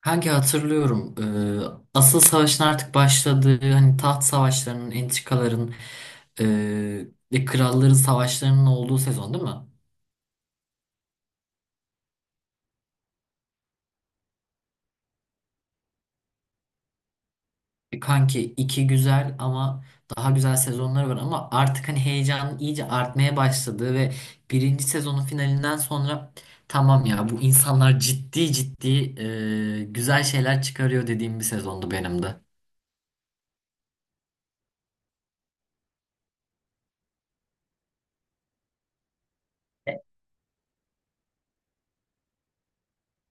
Hangi hatırlıyorum. Asıl savaşın artık başladığı hani taht savaşlarının, entrikaların e, ve kralların savaşlarının olduğu sezon değil mi? Kanki iki güzel ama daha güzel sezonları var ama artık hani heyecanın iyice artmaya başladığı ve birinci sezonun finalinden sonra tamam ya bu insanlar ciddi ciddi güzel şeyler çıkarıyor dediğim bir sezondu benim de.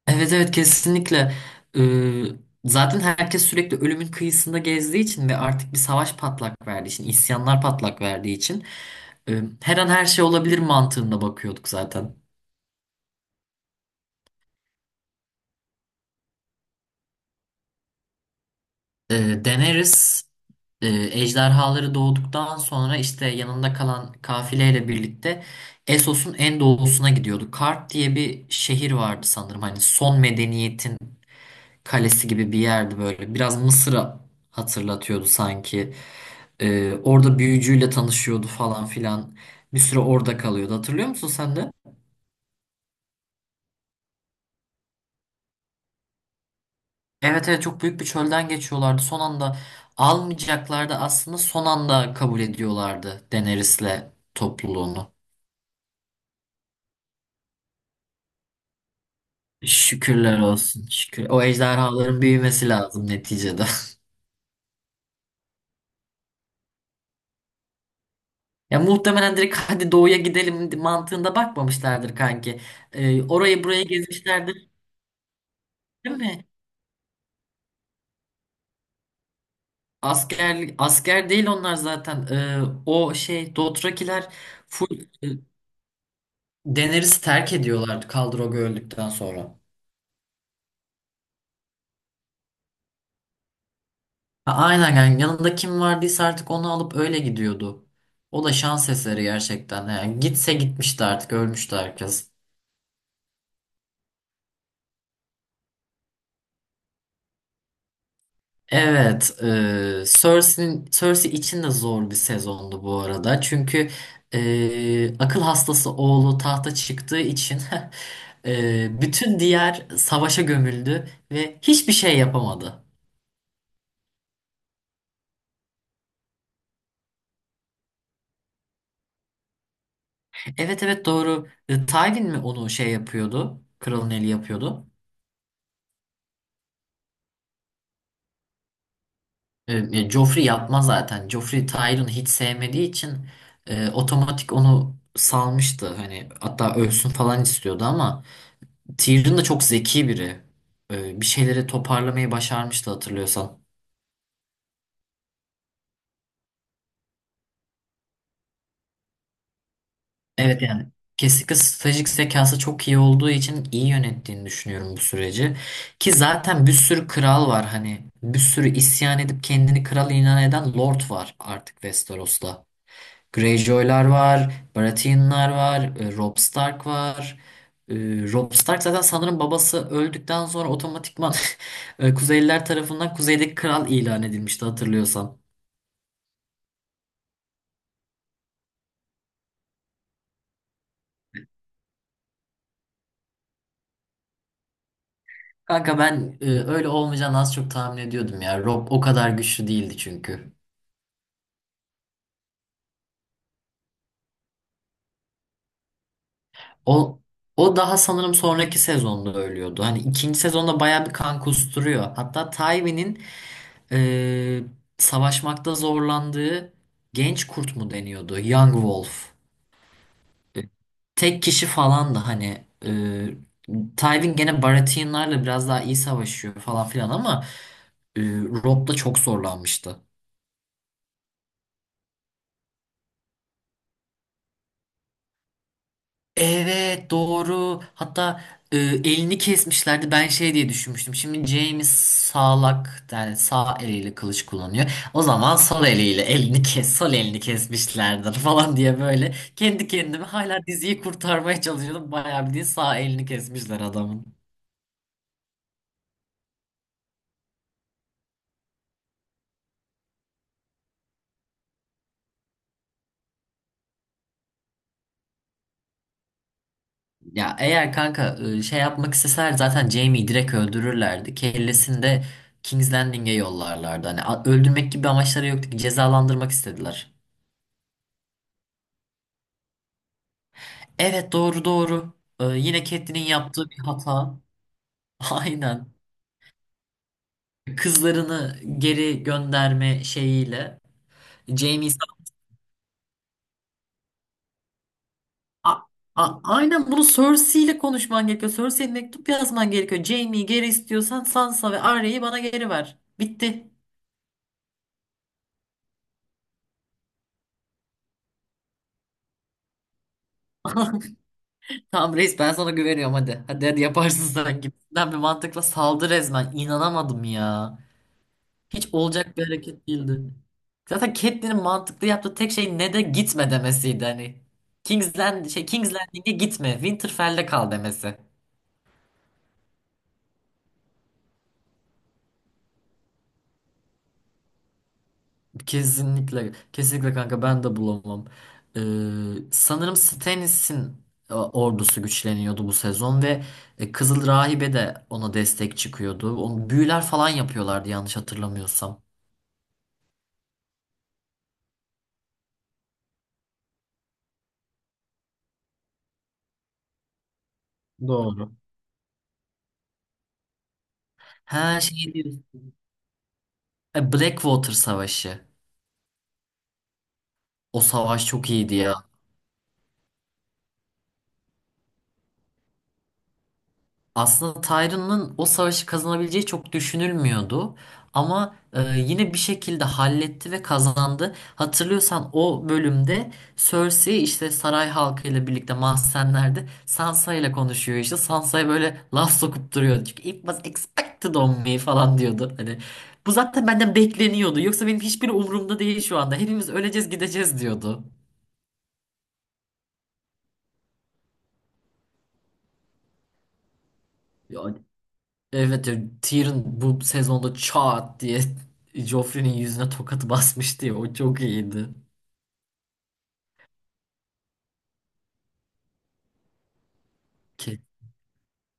Evet evet kesinlikle. Ee, Zaten herkes sürekli ölümün kıyısında gezdiği için ve artık bir savaş patlak verdiği için, isyanlar patlak verdiği için her an her şey olabilir mantığında bakıyorduk zaten. Daenerys ejderhaları doğduktan sonra işte yanında kalan kafileyle birlikte Essos'un en doğusuna gidiyordu. Kart diye bir şehir vardı sanırım. Hani son medeniyetin kalesi gibi bir yerdi böyle. Biraz Mısır'a hatırlatıyordu sanki. Orada büyücüyle tanışıyordu falan filan. Bir süre orada kalıyordu. Hatırlıyor musun sen de? Evet evet çok büyük bir çölden geçiyorlardı. Son anda almayacaklardı aslında son anda kabul ediyorlardı Daenerys'le topluluğunu. Şükürler olsun. Şükür. O ejderhaların büyümesi lazım neticede. Ya muhtemelen direkt hadi doğuya gidelim mantığında bakmamışlardır kanki. Orayı burayı gezmişlerdir değil mi? Asker asker değil onlar zaten. O şey Dothrakiler full Daenerys'i terk ediyorlardı Khal-Drogo öldükten sonra. Ha, aynen yani yanında kim vardıysa artık onu alıp öyle gidiyordu. O da şans eseri gerçekten. Yani gitse gitmişti artık ölmüştü herkes. Evet, Cersei için de zor bir sezondu bu arada. Çünkü akıl hastası oğlu tahta çıktığı için bütün diğer savaşa gömüldü ve hiçbir şey yapamadı. Evet evet doğru. Tywin mi onu şey yapıyordu? Kralın eli yapıyordu. Joffrey yapmaz zaten. Joffrey Tyrion'u hiç sevmediği için otomatik onu salmıştı. Hani hatta ölsün falan istiyordu ama. Tyrion da çok zeki biri. Bir şeyleri toparlamayı başarmıştı hatırlıyorsan. Evet yani kesinlikle stratejik zekası çok iyi olduğu için iyi yönettiğini düşünüyorum bu süreci. Ki zaten bir sürü kral var hani bir sürü isyan edip kendini kral ilan eden lord var artık Westeros'ta. Greyjoy'lar var, Baratheon'lar var, Robb Stark var. E, Robb Stark zaten sanırım babası öldükten sonra otomatikman Kuzeyliler tarafından kuzeydeki kral ilan edilmişti hatırlıyorsan. Kanka ben öyle olmayacağını az çok tahmin ediyordum ya. Rob o kadar güçlü değildi çünkü. O o daha sanırım sonraki sezonda ölüyordu. Hani ikinci sezonda bayağı bir kan kusturuyor. Hatta Tywin'in e, savaşmakta zorlandığı genç kurt mu deniyordu? Young Wolf. E, Tek kişi falan da hani e, Tywin gene Baratheon'larla biraz daha iyi savaşıyor falan filan ama Rob da çok zorlanmıştı. Evet doğru. Hatta elini kesmişlerdi. Ben şey diye düşünmüştüm. Şimdi James sağlak yani sağ eliyle kılıç kullanıyor. O zaman sol eliyle elini kes, sol elini kesmişlerdir falan diye böyle kendi kendime hala diziyi kurtarmaya çalışıyordum. Bayağı bildiğin sağ elini kesmişler adamın. Ya eğer kanka şey yapmak isteseler zaten Jaime'yi direkt öldürürlerdi. Kellesini de King's Landing'e yollarlardı. Hani öldürmek gibi bir amaçları yoktu ki cezalandırmak istediler. Evet doğru doğru. Yine Catelyn'in yaptığı bir hata. Aynen. Kızlarını geri gönderme şeyiyle. Jamie A- aynen bunu Cersei ile konuşman gerekiyor. Cersei'ye mektup yazman gerekiyor. Jaime'yi geri istiyorsan Sansa ve Arya'yı bana geri ver. Bitti. Tamam reis ben sana güveniyorum hadi. Hadi hadi yaparsın sen gibisinden bir mantıkla saldı resmen. İnanamadım ya. Hiç olacak bir hareket değildi. Zaten Catelyn'in mantıklı yaptığı tek şey ne de gitme demesiydi hani. King's Landing'e gitme, Winterfell'de kal demesi. Kesinlikle, kesinlikle kanka ben de bulamam. Sanırım Stannis'in ordusu güçleniyordu bu sezon ve Kızıl Rahibe de ona destek çıkıyordu. Onu büyüler falan yapıyorlardı yanlış hatırlamıyorsam. Doğru. Ha şey diyorsun. Blackwater Savaşı. O savaş çok iyiydi ya. Aslında Tyrion'un o savaşı kazanabileceği çok düşünülmüyordu. Ama yine bir şekilde halletti ve kazandı. Hatırlıyorsan o bölümde Cersei işte saray halkıyla birlikte mahzenlerde Sansa ile konuşuyor işte. Sansa'ya böyle laf sokup duruyor. Çünkü it was expected on me falan diyordu. Hani bu zaten benden bekleniyordu. Yoksa benim hiçbir umurumda değil şu anda. Hepimiz öleceğiz gideceğiz diyordu. Evet ya Tyrion bu sezonda çat diye Joffrey'nin yüzüne tokat basmıştı ya o çok iyiydi. Ki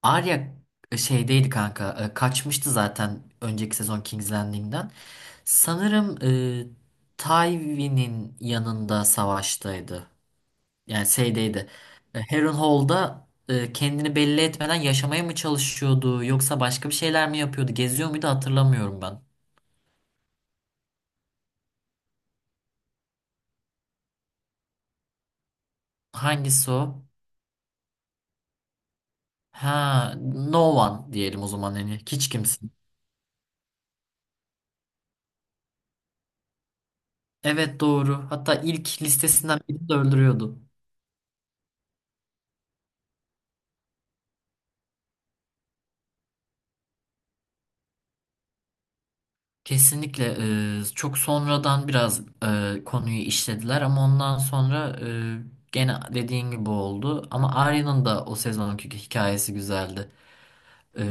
Arya şeydeydi kanka kaçmıştı zaten önceki sezon King's Landing'den. Sanırım Tywin'in yanında savaştaydı. Yani şeydeydi. Harrenhal'da kendini belli etmeden yaşamaya mı çalışıyordu yoksa başka bir şeyler mi yapıyordu geziyor muydu hatırlamıyorum ben. Hangisi o? Ha, no one diyelim o zaman hani hiç kimse. Evet doğru. Hatta ilk listesinden birini de öldürüyordu. Kesinlikle çok sonradan biraz konuyu işlediler ama ondan sonra gene dediğin gibi oldu. Ama Arya'nın da o sezonki hikayesi güzeldi. E,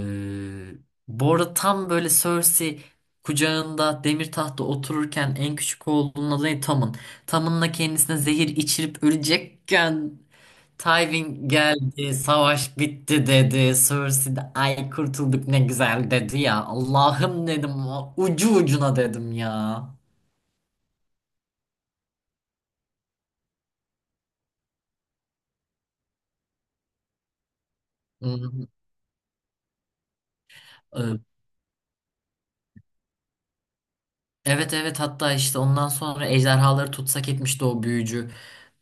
Bu arada tam böyle Cersei kucağında demir tahtta otururken en küçük oğlunun adı ne? Tom'un. Tom'unla kendisine zehir içirip ölecekken Tywin geldi, savaş bitti dedi. Cersei de ay kurtulduk ne güzel dedi ya. Allah'ım dedim ucu ucuna dedim ya. Hı, e, Evet evet hatta işte ondan sonra ejderhaları tutsak etmişti o büyücü.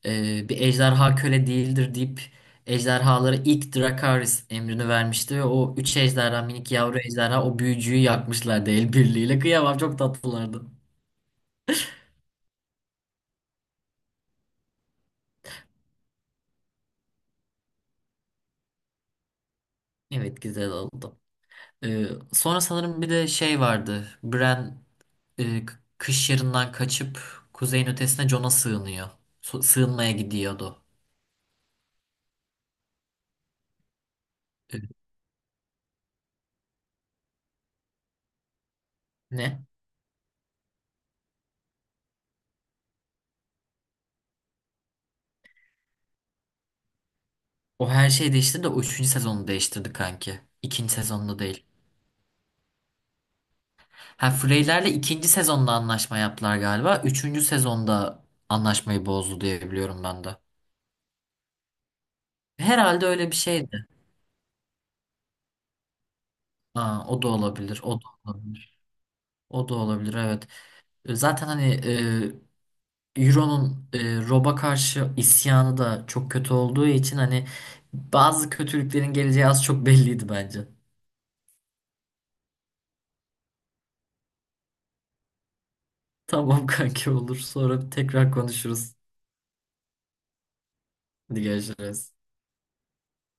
Bir ejderha köle değildir deyip ejderhalara ilk Drakaris emrini vermişti ve o üç ejderha minik yavru ejderha o büyücüyü yakmışlardı el birliğiyle. Kıyamam çok tatlılardı. Evet güzel oldu. Ee, Sonra sanırım bir de şey vardı. Bran kış yarından kaçıp kuzeyin ötesine Jon'a sığınıyor. Sığınmaya gidiyordu. Ee, Ne? O her şeyi değiştirdi de o üçüncü sezonu değiştirdi kanki. İkinci sezonda değil. Ha Freyler'le ikinci sezonda anlaşma yaptılar galiba. Üçüncü sezonda anlaşmayı bozdu diye biliyorum ben de. Herhalde öyle bir şeydi. Ha, o da olabilir. O da olabilir. O da olabilir evet. Zaten hani Euro'nun Rob'a karşı isyanı da çok kötü olduğu için hani bazı kötülüklerin geleceği az çok belliydi bence. Tamam kanki olur. Sonra tekrar konuşuruz. Hadi görüşürüz.